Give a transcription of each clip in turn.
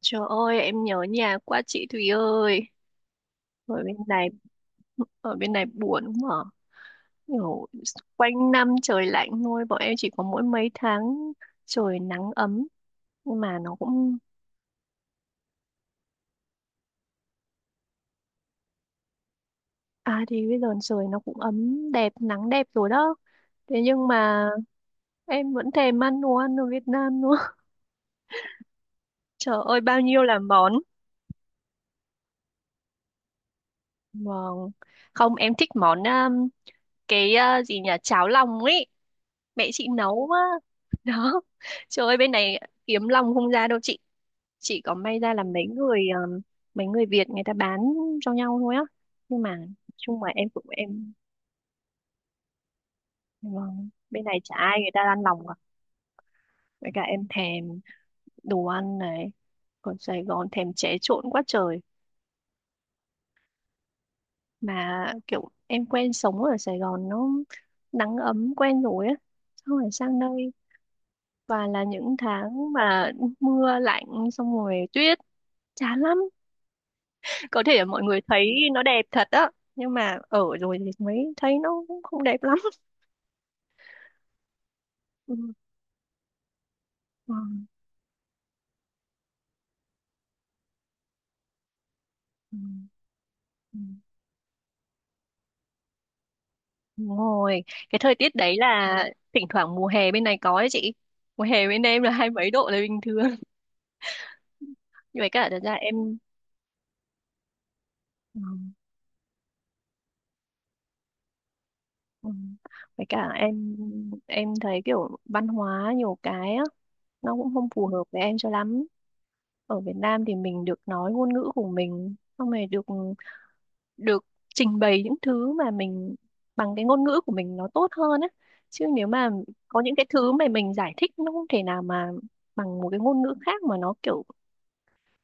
Trời ơi, em nhớ nhà quá chị Thùy ơi. Ở bên này, ở bên này buồn mà. Kiểu quanh năm trời lạnh thôi, bọn em chỉ có mỗi mấy tháng trời nắng ấm. Nhưng mà à thì bây giờ trời nó cũng ấm đẹp, nắng đẹp rồi đó. Thế nhưng mà em vẫn thèm ăn đồ ăn ở Việt Nam nữa. Trời ơi, bao nhiêu là món. Vâng. Không, em thích món, cái gì nhỉ, cháo lòng ấy mẹ chị nấu á. Đó, trời ơi, bên này kiếm lòng không ra đâu chị. Chị có, may ra là mấy người Việt người ta bán cho nhau thôi á. Nhưng mà nói chung mà em cũng em, vâng, bên này chả ai người ta ăn lòng cả. Với cả em thèm đồ ăn này, còn Sài Gòn thèm chế trộn quá trời. Mà kiểu em quen sống ở Sài Gòn nó nắng ấm quen rồi á, xong rồi sang đây và là những tháng mà mưa lạnh, xong rồi tuyết, chán lắm. Có thể là mọi người thấy nó đẹp thật á, nhưng mà ở rồi thì mới thấy nó cũng không đẹp lắm. Ừ, ừ, ừ, ừ. Đúng rồi, cái thời tiết đấy là thỉnh thoảng mùa hè bên này có ấy chị. Mùa hè bên em là hai mấy độ là bình thường. Nhưng mà cả thật ra em ừ. Ừ. Với cả em thấy kiểu văn hóa nhiều cái á nó cũng không phù hợp với em cho lắm. Ở Việt Nam thì mình được nói ngôn ngữ của mình, xong rồi được được trình bày những thứ mà mình, bằng cái ngôn ngữ của mình nó tốt hơn á. Chứ nếu mà có những cái thứ mà mình giải thích nó không thể nào mà bằng một cái ngôn ngữ khác mà nó kiểu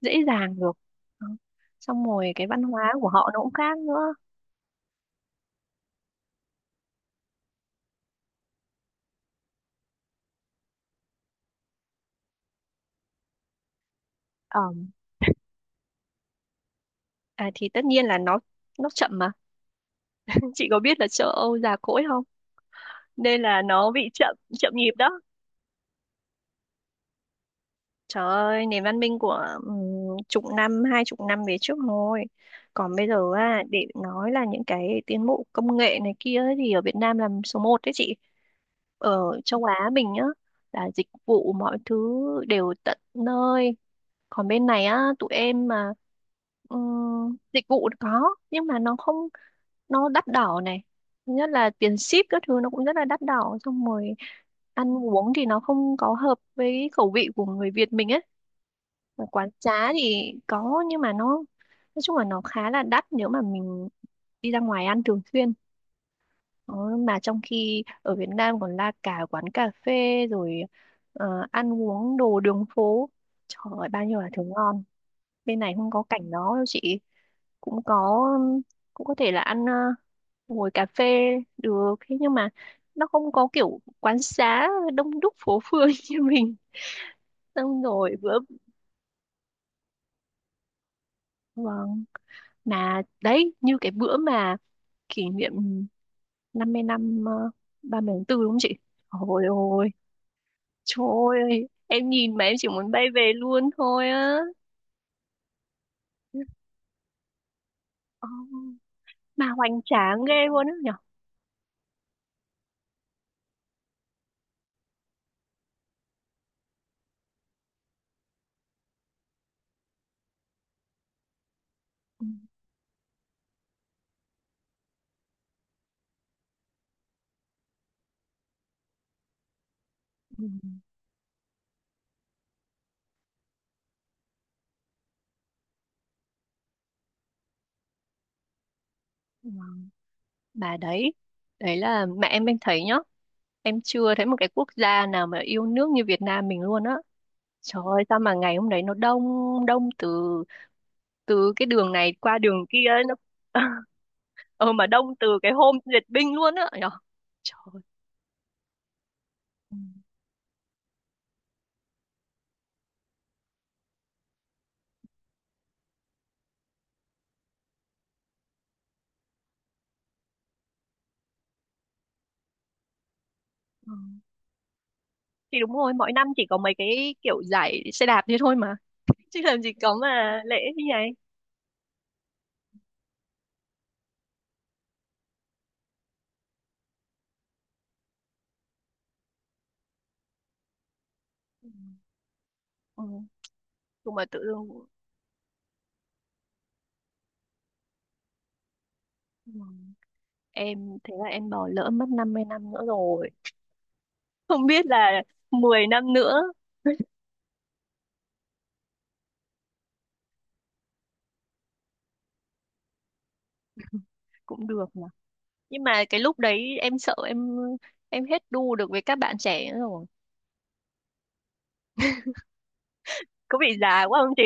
dễ dàng được. Đó. Xong rồi cái văn hóa của họ nó cũng khác nữa. Ờ, à, thì tất nhiên là nó chậm mà. Chị có biết là châu Âu già cỗi không? Nên là nó bị chậm chậm nhịp đó. Trời ơi, nền văn minh của chục năm, hai chục năm về trước thôi. Còn bây giờ á, để nói là những cái tiến bộ công nghệ này kia ấy, thì ở Việt Nam là số một đấy chị. Ở châu Á mình nhá, là dịch vụ mọi thứ đều tận nơi, còn bên này á tụi em mà dịch vụ có nhưng mà nó không, nó đắt đỏ này. Thứ nhất là tiền ship các thứ nó cũng rất là đắt đỏ, xong rồi ăn uống thì nó không có hợp với khẩu vị của người Việt mình ấy. Mà quán trá thì có nhưng mà nó nói chung là nó khá là đắt nếu mà mình đi ra ngoài ăn thường xuyên. Đó, mà trong khi ở Việt Nam còn la cả quán cà phê, rồi ăn uống đồ đường phố, trời ơi bao nhiêu là thứ ngon. Bên này không có cảnh đó đâu chị. Cũng có, cũng có thể là ngồi cà phê được, thế nhưng mà nó không có kiểu quán xá đông đúc phố phường như mình. Xong rồi bữa, vâng, mà đấy như cái bữa mà kỷ niệm 50 năm 30 tháng 4 đúng không chị? Ôi ôi trời ơi, em nhìn mà em chỉ muốn bay về luôn thôi á. Ờ, mà hoành tráng ghê luôn á nhở. Ừ, ừ, ừ. Bà đấy, đấy là mẹ em đang thấy nhá. Em chưa thấy một cái quốc gia nào mà yêu nước như Việt Nam mình luôn á. Trời ơi sao mà ngày hôm đấy nó đông, đông từ từ cái đường này qua đường kia ấy, nó ờ mà đông từ cái hôm duyệt binh luôn á nhở? Trời ơi. Ừ. Ừ. Thì đúng rồi, mỗi năm chỉ có mấy cái kiểu giải xe đạp thế thôi mà, chứ làm gì có mà lễ như này. Ừ. Ừ. Nhưng mà tự dưng ừ. Em thế là em bỏ lỡ mất 50 năm nữa rồi. Không biết là 10 năm nữa cũng được mà. Nhưng mà cái lúc đấy em sợ em hết đu được với các bạn trẻ nữa rồi. Có bị già quá không chị?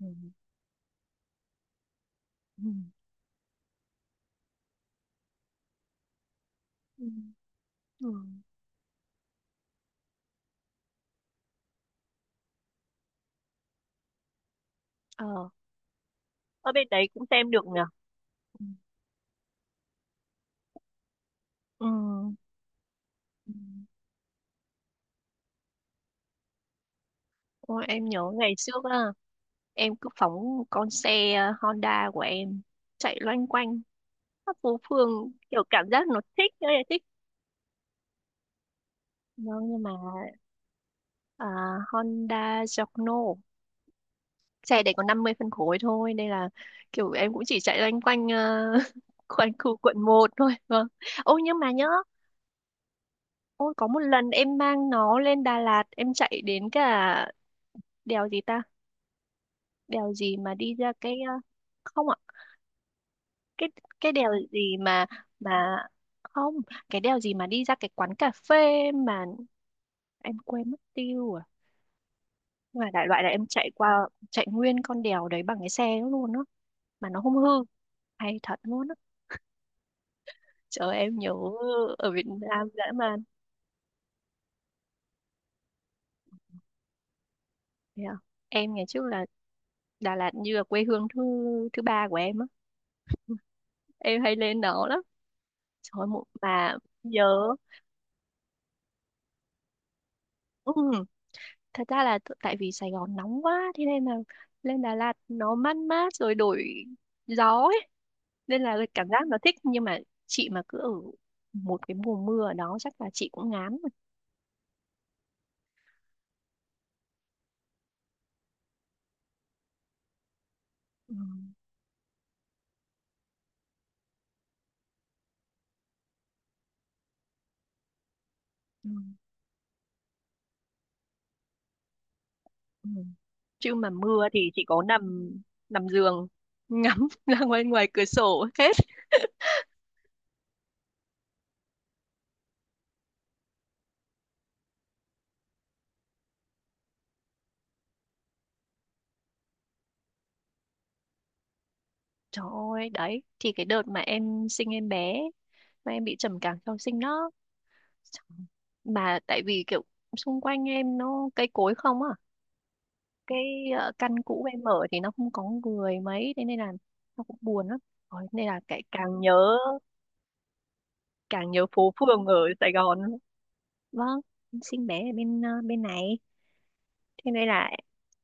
Ừ. Ừ. Ừ. Ừ. Ờ, ở bên đấy cũng xem được nhỉ. Ừ. Ừ. Ừ. Ôi, em nhớ ngày trước á, em cứ phóng con xe Honda của em chạy loanh quanh khắp phố phường, kiểu cảm giác nó thích ơi là thích. Vâng, nhưng mà à, Honda Giorno, xe đấy có 50 phân khối thôi nên là kiểu em cũng chỉ chạy loanh quanh quanh khu Quận 1 thôi. Vâng, ôi nhưng mà nhớ. Ôi có một lần em mang nó lên Đà Lạt, em chạy đến cả đèo gì ta, đèo gì mà đi ra cái ờ, không ạ, cái cái đèo gì mà không, cái đèo gì mà đi ra cái quán cà phê mà em quên mất tiêu à. Nhưng mà đại loại là em chạy qua, chạy nguyên con đèo đấy bằng cái xe luôn á, mà nó không hư, hay thật luôn á. Trời ơi, em nhớ ở Việt Nam dã man. Yeah. Em ngày trước là Đà Lạt như là quê hương thứ thứ ba của em á. Em hay lên đó lắm. Trời ơi, một mà nhớ. Ừ, thật ra là tại vì Sài Gòn nóng quá thế nên là lên Đà Lạt nó mát mát rồi đổi gió ấy. Nên là cảm giác nó thích, nhưng mà chị mà cứ ở một cái mùa mưa ở đó chắc là chị cũng ngán rồi. Ừ. Ừ. Ừ. Chứ mà mưa thì chị có nằm, nằm giường ngắm ra ngoài, ngoài cửa sổ hết. Trời ơi đấy, thì cái đợt mà em sinh em bé mà em bị trầm cảm sau sinh đó. Trời, mà tại vì kiểu xung quanh em nó cây cối không à. cái căn cũ em ở thì nó không có người mấy, thế nên là nó cũng buồn lắm. Rồi, nên là cái càng nhớ, càng nhớ phố phường ở Sài Gòn. Vâng, em sinh bé ở bên này, thế nên là,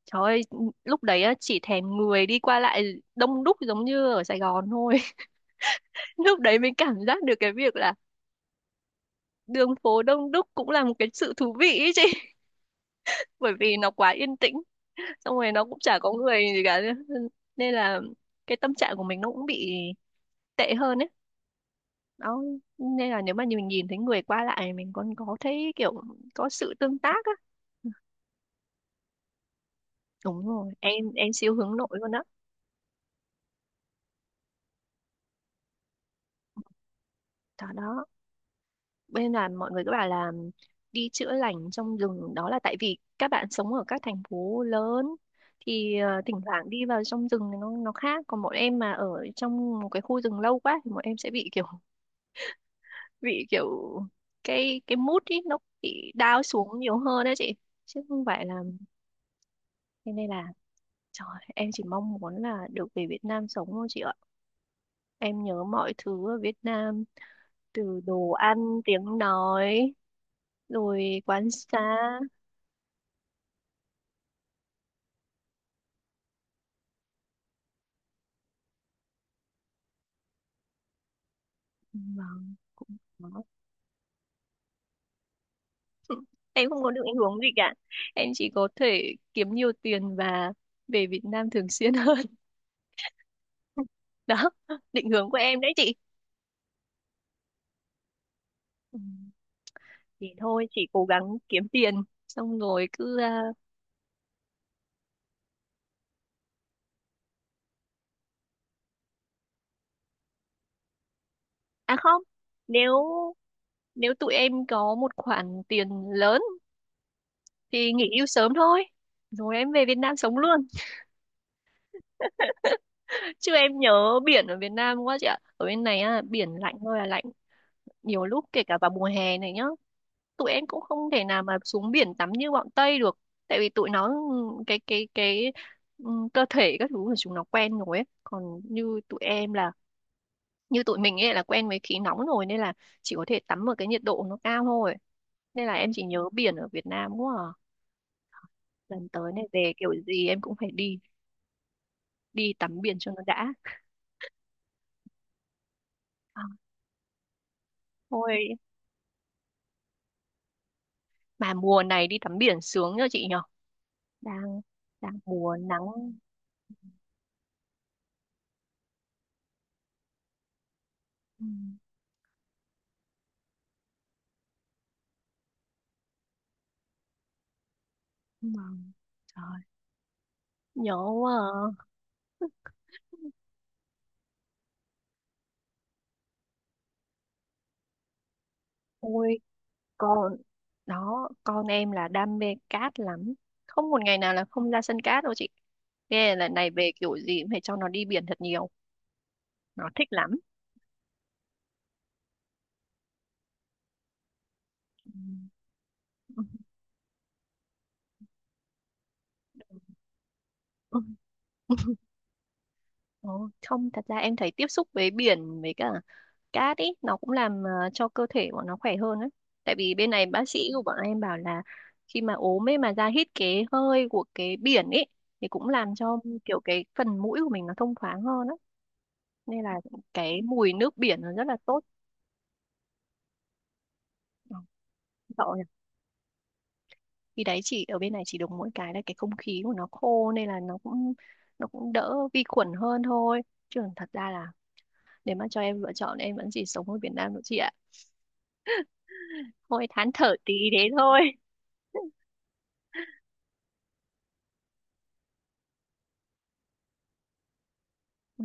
trời ơi, lúc đấy á, chỉ thèm người đi qua lại đông đúc giống như ở Sài Gòn thôi. Lúc đấy mình cảm giác được cái việc là đường phố đông đúc cũng là một cái sự thú vị ý chị. Bởi vì nó quá yên tĩnh, xong rồi nó cũng chả có người gì cả. Nên là cái tâm trạng của mình nó cũng bị tệ hơn ấy. Đó. Nên là nếu mà mình nhìn thấy người qua lại mình còn có thấy kiểu có sự tương tác á. Đúng rồi, em siêu hướng nội luôn á. Đó đó. Bên là mọi người cứ bảo là đi chữa lành trong rừng đó là tại vì các bạn sống ở các thành phố lớn thì thỉnh thoảng đi vào trong rừng thì nó khác, còn bọn em mà ở trong một cái khu rừng lâu quá thì bọn em sẽ bị kiểu bị kiểu cái mood ý nó bị down xuống nhiều hơn đấy chị, chứ không phải là, thế nên là, trời, em chỉ mong muốn là được về Việt Nam sống thôi chị ạ. Em nhớ mọi thứ ở Việt Nam, từ đồ ăn, tiếng nói, rồi quán xá. Vâng, cũng có. Em không có được ảnh hưởng gì cả. Em chỉ có thể kiếm nhiều tiền và về Việt Nam thường xuyên hơn. Đó, định hướng của em đấy chị. Ừ, thì thôi, chị cố gắng kiếm tiền. Xong rồi cứ... À, à không, nếu nếu tụi em có một khoản tiền lớn thì nghỉ hưu sớm thôi. Rồi em về Việt Nam sống luôn. Chứ em nhớ biển ở Việt Nam quá chị ạ. Ở bên này á, biển lạnh thôi là lạnh. Nhiều lúc kể cả vào mùa hè này nhá, tụi em cũng không thể nào mà xuống biển tắm như bọn Tây được, tại vì tụi nó ừ, cái ừ, cơ thể các thứ của chúng nó quen rồi ấy, còn như tụi em là như tụi mình ấy là quen với khí nóng rồi, nên là chỉ có thể tắm ở cái nhiệt độ nó cao thôi, nên là em chỉ nhớ biển ở Việt Nam quá à. Lần tới này về kiểu gì em cũng phải đi, đi tắm biển cho nó đã. À, thôi, mà mùa này đi tắm biển sướng nhờ chị nhở. Đang, đang mùa nắng. Ừ, vâng. Trời, nhớ quá à. Ôi con, đó con em là đam mê cát lắm, không một ngày nào là không ra sân cát đâu chị. Nghe lần này về kiểu gì cũng phải cho nó đi biển thật nhiều, nó thích lắm. Ừ. Ừ. Ồ, không thật ra em thấy tiếp xúc với biển với cả cát ý nó cũng cho cơ thể của nó khỏe hơn ấy. Tại vì bên này bác sĩ của bọn em bảo là khi mà ốm ấy mà ra hít cái hơi của cái biển ấy thì cũng làm cho kiểu cái phần mũi của mình nó thông thoáng hơn á. Nên là cái mùi nước biển nó rất là tốt. Ờ, sợ nhỉ. Khi đấy chỉ ở bên này chỉ được mỗi cái là cái không khí của nó khô nên là nó cũng đỡ vi khuẩn hơn thôi. Chứ còn thật ra là nếu mà cho em lựa chọn em vẫn chỉ sống ở Việt Nam thôi chị ạ. Thôi thán thở tí thế thôi. Ừ.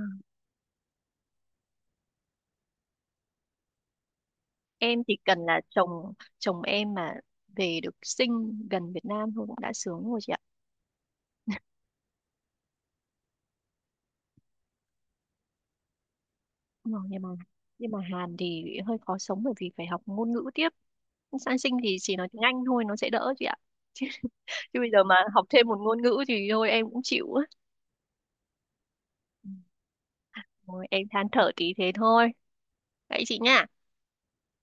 Em chỉ cần là chồng chồng em mà về được sinh gần Việt Nam thôi cũng đã sướng rồi chị ạ. Ừ, nhưng mà, nhưng mà Hàn thì hơi khó sống bởi vì phải học ngôn ngữ tiếp. Sang sinh thì chỉ nói tiếng Anh thôi nó sẽ đỡ chị ạ. Chứ, chứ bây giờ mà học thêm một ngôn ngữ thì thôi em cũng chịu á. Ừ, thôi em than thở tí thế thôi. Đấy chị nha.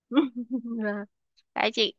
Dạ. Đấy chị.